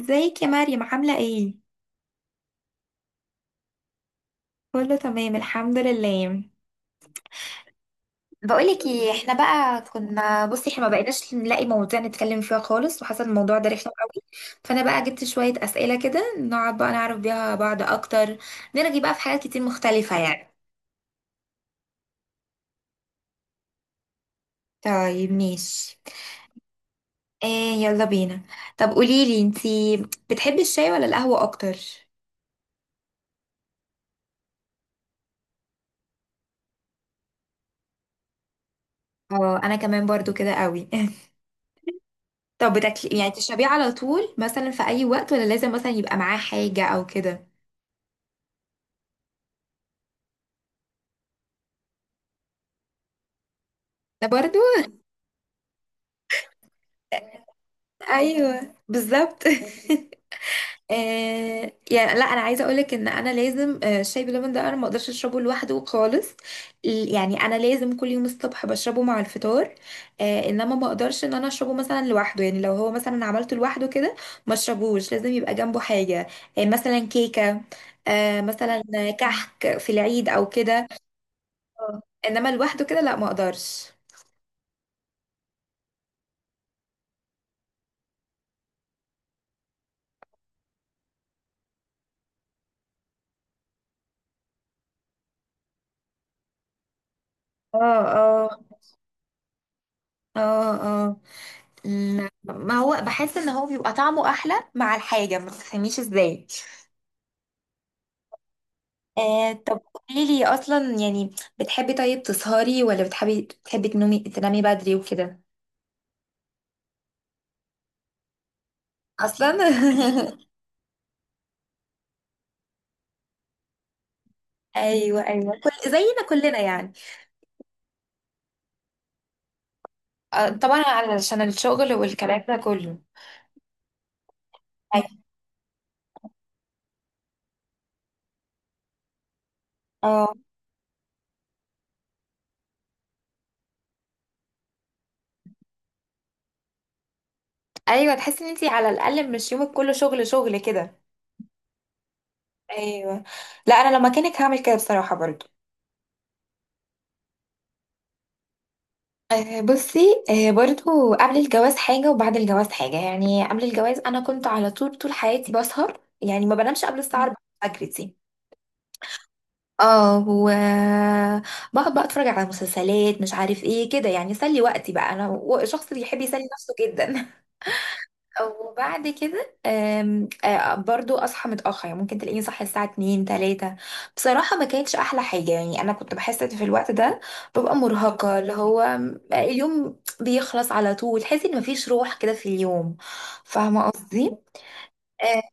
ازيك يا مريم عاملة ايه؟ كله تمام الحمد لله. بقولك ايه، احنا بقى كنا احنا ما بقيناش نلاقي مواضيع نتكلم فيها خالص، وحصل الموضوع ده رخم قوي. فانا بقى جبت شوية اسئلة كده، نقعد بقى نعرف بيها بعض اكتر، نرغي بقى في حاجات كتير مختلفة يعني. طيب ماشي، ايه يلا بينا. طب قوليلي انتي، بتحبي الشاي ولا القهوة اكتر؟ اه انا كمان برضو كده قوي. طب بتاكلي يعني تشربيه على طول مثلا في اي وقت، ولا لازم مثلا يبقى معاه حاجة او كده؟ ده برضو. ايوه بالظبط. آه يعني لا، انا عايزه اقولك ان انا لازم الشاي بلبن ده انا ما اقدرش اشربه لوحده خالص. يعني انا لازم كل يوم الصبح بشربه مع الفطار. آه انما ما اقدرش ان انا اشربه مثلا لوحده، يعني لو هو مثلا عملته لوحده كده ما اشربوش، لازم يبقى جنبه حاجه. آه مثلا كيكه، آه مثلا كحك في العيد او كده. اه انما لوحده كده لا، ما اقدرش. اه آه. اه اه. ما هو بحس ان هو بيبقى طعمه احلى مع الحاجه، ما تفهميش ازاي. آه طب قولي لي اصلا يعني، بتحبي طيب تسهري ولا بتحبي تنومي تنامي بدري وكده. اصلا. ايوه ايوه كل زينا كلنا يعني. آه طبعا علشان الشغل والكلام ده كله. أيوة. اه ايوه، تحسي ان انتي على الاقل مش يومك كله شغل شغل كده. ايوه. لا انا لو مكانك هعمل كده بصراحه برضو. بصي، برضو قبل الجواز حاجة وبعد الجواز حاجة. يعني قبل الجواز أنا كنت على طول حياتي بسهر، يعني ما بنامش قبل الساعة 4 الفجر دي. اه، و بقعد بقى اتفرج على مسلسلات مش عارف ايه كده، يعني اسلي وقتي بقى انا و- شخص بيحب يسلي نفسه جدا. وبعد كده آم، آه، برضو اصحى متاخر، يعني ممكن تلاقيني صاحيه الساعه 2 3. بصراحه ما كانتش احلى حاجه، يعني انا كنت بحس إن في الوقت ده ببقى مرهقه، اللي هو اليوم بيخلص على طول، تحسي ان مفيش روح كده في اليوم. فاهمه قصدي. اه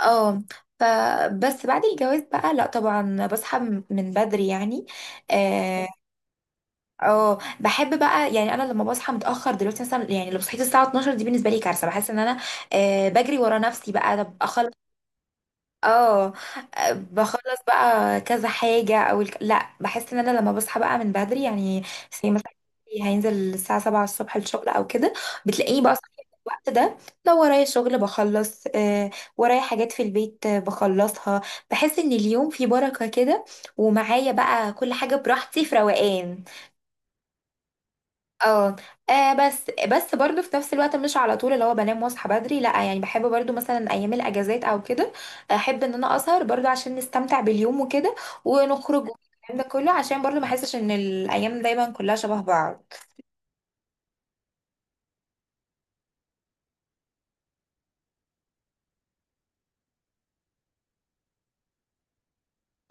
آه. فبس بعد الجواز بقى لا طبعا بصحى من بدري يعني. آه، اه بحب بقى، يعني انا لما بصحى متاخر دلوقتي مثلا، يعني لو صحيت الساعه 12 دي بالنسبه لي كارثه، بحس ان انا آه بجري ورا نفسي بقى، طب اخلص. اه آه، بخلص بقى كذا حاجه او الك... لا بحس ان انا لما بصحى بقى من بدري يعني، زي مثلا هينزل الساعه 7 الصبح الشغل او كده، بتلاقيني بقى صاحيه في الوقت ده. لو ورايا شغل بخلص آه، ورايا حاجات في البيت بخلصها. بحس ان اليوم فيه بركه كده، ومعايا بقى كل حاجه براحتي في روقان. اه بس برضو في نفس الوقت مش على طول اللي هو بنام واصحى بدري، لا يعني بحب برضو مثلا ايام الاجازات او كده احب ان انا اسهر برضو، عشان نستمتع باليوم وكده ونخرج والكلام ده كله، عشان برضو ما احسش ان الايام دايما كلها شبه بعض.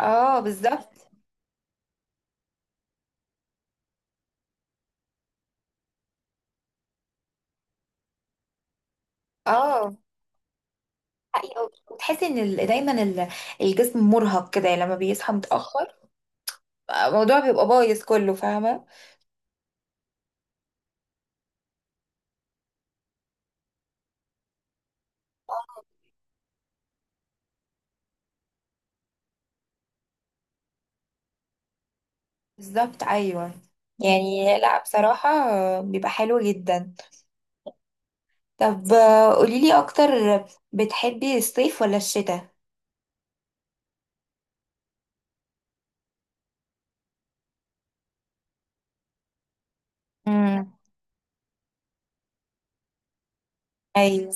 اه بالظبط. اه حقيقة. وتحسي ان دايما الجسم مرهق كده، يعني لما بيصحى متاخر الموضوع بيبقى بايظ كله، فاهمه. بالظبط ايوه. يعني لا بصراحه بيبقى حلو جدا. طب آه، قوليلي اكتر، بتحبي الصيف ولا الشتاء؟ امم. ايوه.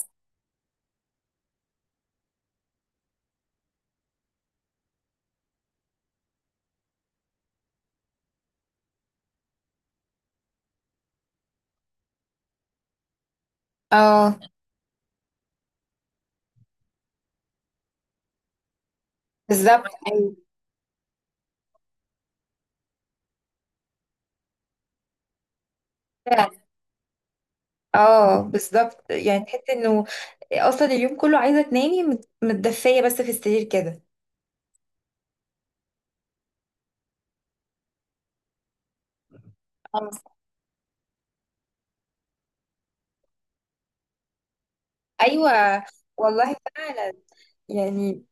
اه بالظبط. ايوه. اه بالظبط، يعني تحس انه اصلا اليوم كله عايزه تنامي متدفيه بس في السرير كده. آه. ايوه. والله فعلا. يعني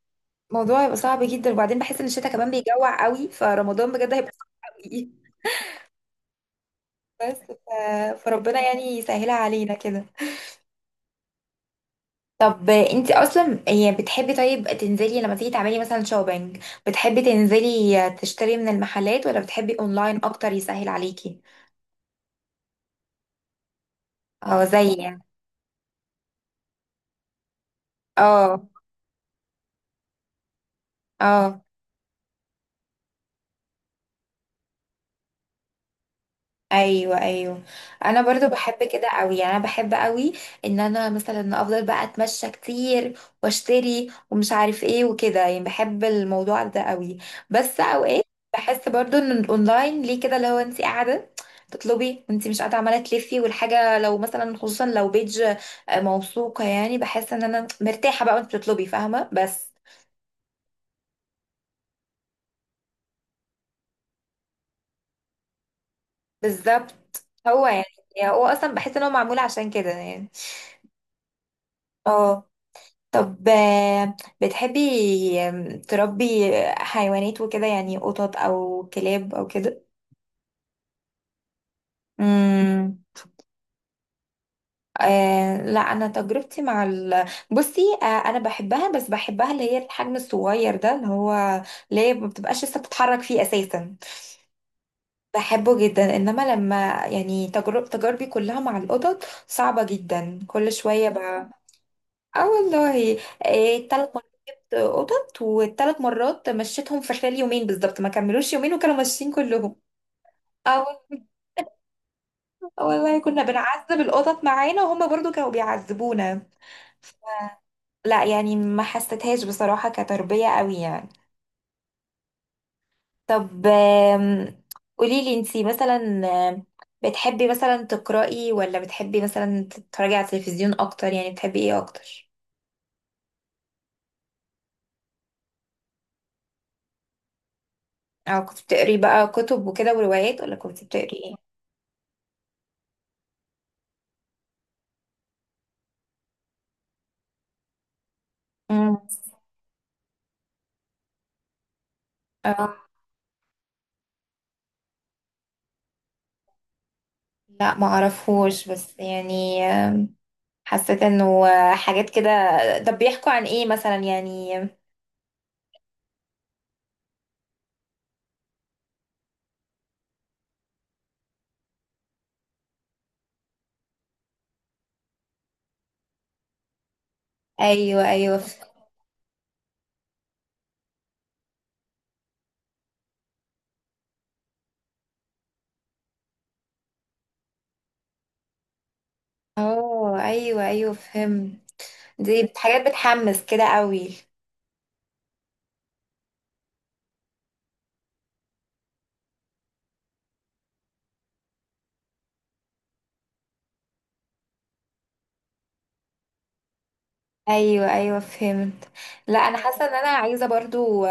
الموضوع هيبقى صعب جدا، وبعدين بحس ان الشتاء كمان بيجوع قوي، فرمضان بجد هيبقى صعب قوي. بس ف... فربنا يعني يسهلها علينا كده. طب انت اصلا يعني بتحبي طيب تنزلي لما تيجي تعملي مثلا شوبينج، بتحبي تنزلي تشتري من المحلات ولا بتحبي اونلاين اكتر يسهل عليكي؟ اه زي يعني. اه. اه. ايوه ايوه، انا برضو بحب كده قوي، يعني انا بحب قوي ان انا مثلا افضل بقى اتمشى كتير واشتري ومش عارف ايه وكده، يعني بحب الموضوع ده قوي. بس اوقات بحس برضو ان الاونلاين ليه كده، لو انت قاعده تطلبي وانت مش قاعده عماله تلفي والحاجه لو مثلا خصوصا لو بيج آه، موثوقه، يعني بحس ان انا مرتاحه بقى وانت بتطلبي، فاهمه بس. بالظبط. هو يعني، يعني هو اصلا بحس ان هو معمول عشان كده يعني. اه. طب آه، بتحبي آم، تربي حيوانات وكده، يعني قطط او كلاب او كده؟ امم. آه لا انا تجربتي مع ال... بصي آه انا بحبها، بس بحبها اللي هي الحجم الصغير ده، اللي هو اللي هي ما بتبقاش لسه بتتحرك فيه اساسا، بحبه جدا. انما لما يعني تجرب تجاربي كلها مع القطط صعبة جدا كل شوية. اه والله. إيه تلات مرات جبت قطط، والتلات مرات مشيتهم في خلال يومين بالظبط، ما كملوش يومين وكانوا ماشيين كلهم. اه والله. آه والله كنا بنعذب القطط معانا، وهم برضو كانوا بيعذبونا. لا يعني ما حسيتهاش بصراحة كتربية قوي يعني. طب آم، قوليلي انتي مثلا آم، بتحبي مثلا تقرأي ولا بتحبي مثلا تتفرجي على التلفزيون اكتر؟ يعني بتحبي ايه اكتر؟ او كنت بتقري بقى كتب وكده وروايات، ولا كنت بتقري ايه؟ امم. لا ما اعرفهوش، بس يعني حسيت انه حاجات كده. طب بيحكوا عن ايه مثلا يعني؟ ايوه ايوه. اه ايوه ايوه فهمت. دي حاجات بتحمس كده قوي. ايوه ايوه فهمت. لا انا حاسه ان انا عايزه برضو،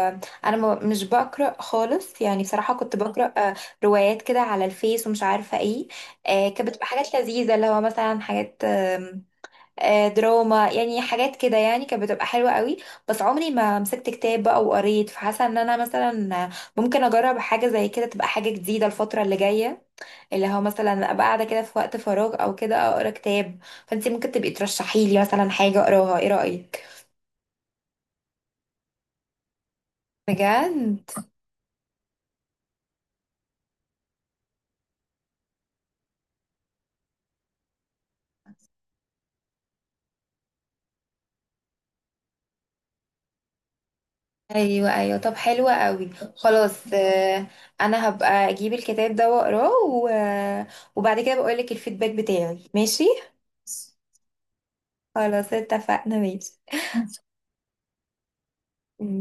انا مش بقرا خالص يعني، بصراحه كنت بقرا آه، روايات كده على الفيس ومش عارفه ايه. آه، كانت بتبقى حاجات لذيذه، اللي هو مثلا حاجات آه، دراما، يعني حاجات كده، يعني كانت بتبقى حلوة قوي. بس عمري ما مسكت كتاب بقى وقريت، فحاسة ان انا مثلا ممكن اجرب حاجة زي كده، تبقى حاجة جديدة الفترة اللي جاية، اللي هو مثلا ابقى قاعدة كده في وقت فراغ او كده اقرا كتاب. فانتي ممكن تبقي ترشحي لي مثلا حاجة اقراها، ايه رأيك؟ بجد؟ ايوه ايوه. طب حلوة قوي. خلاص آه، انا هبقى اجيب الكتاب ده واقراه و- وبعد كده بقول لك الفيدباك بتاعي، ماشي. خلاص اتفقنا ماشي.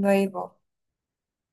باي باي.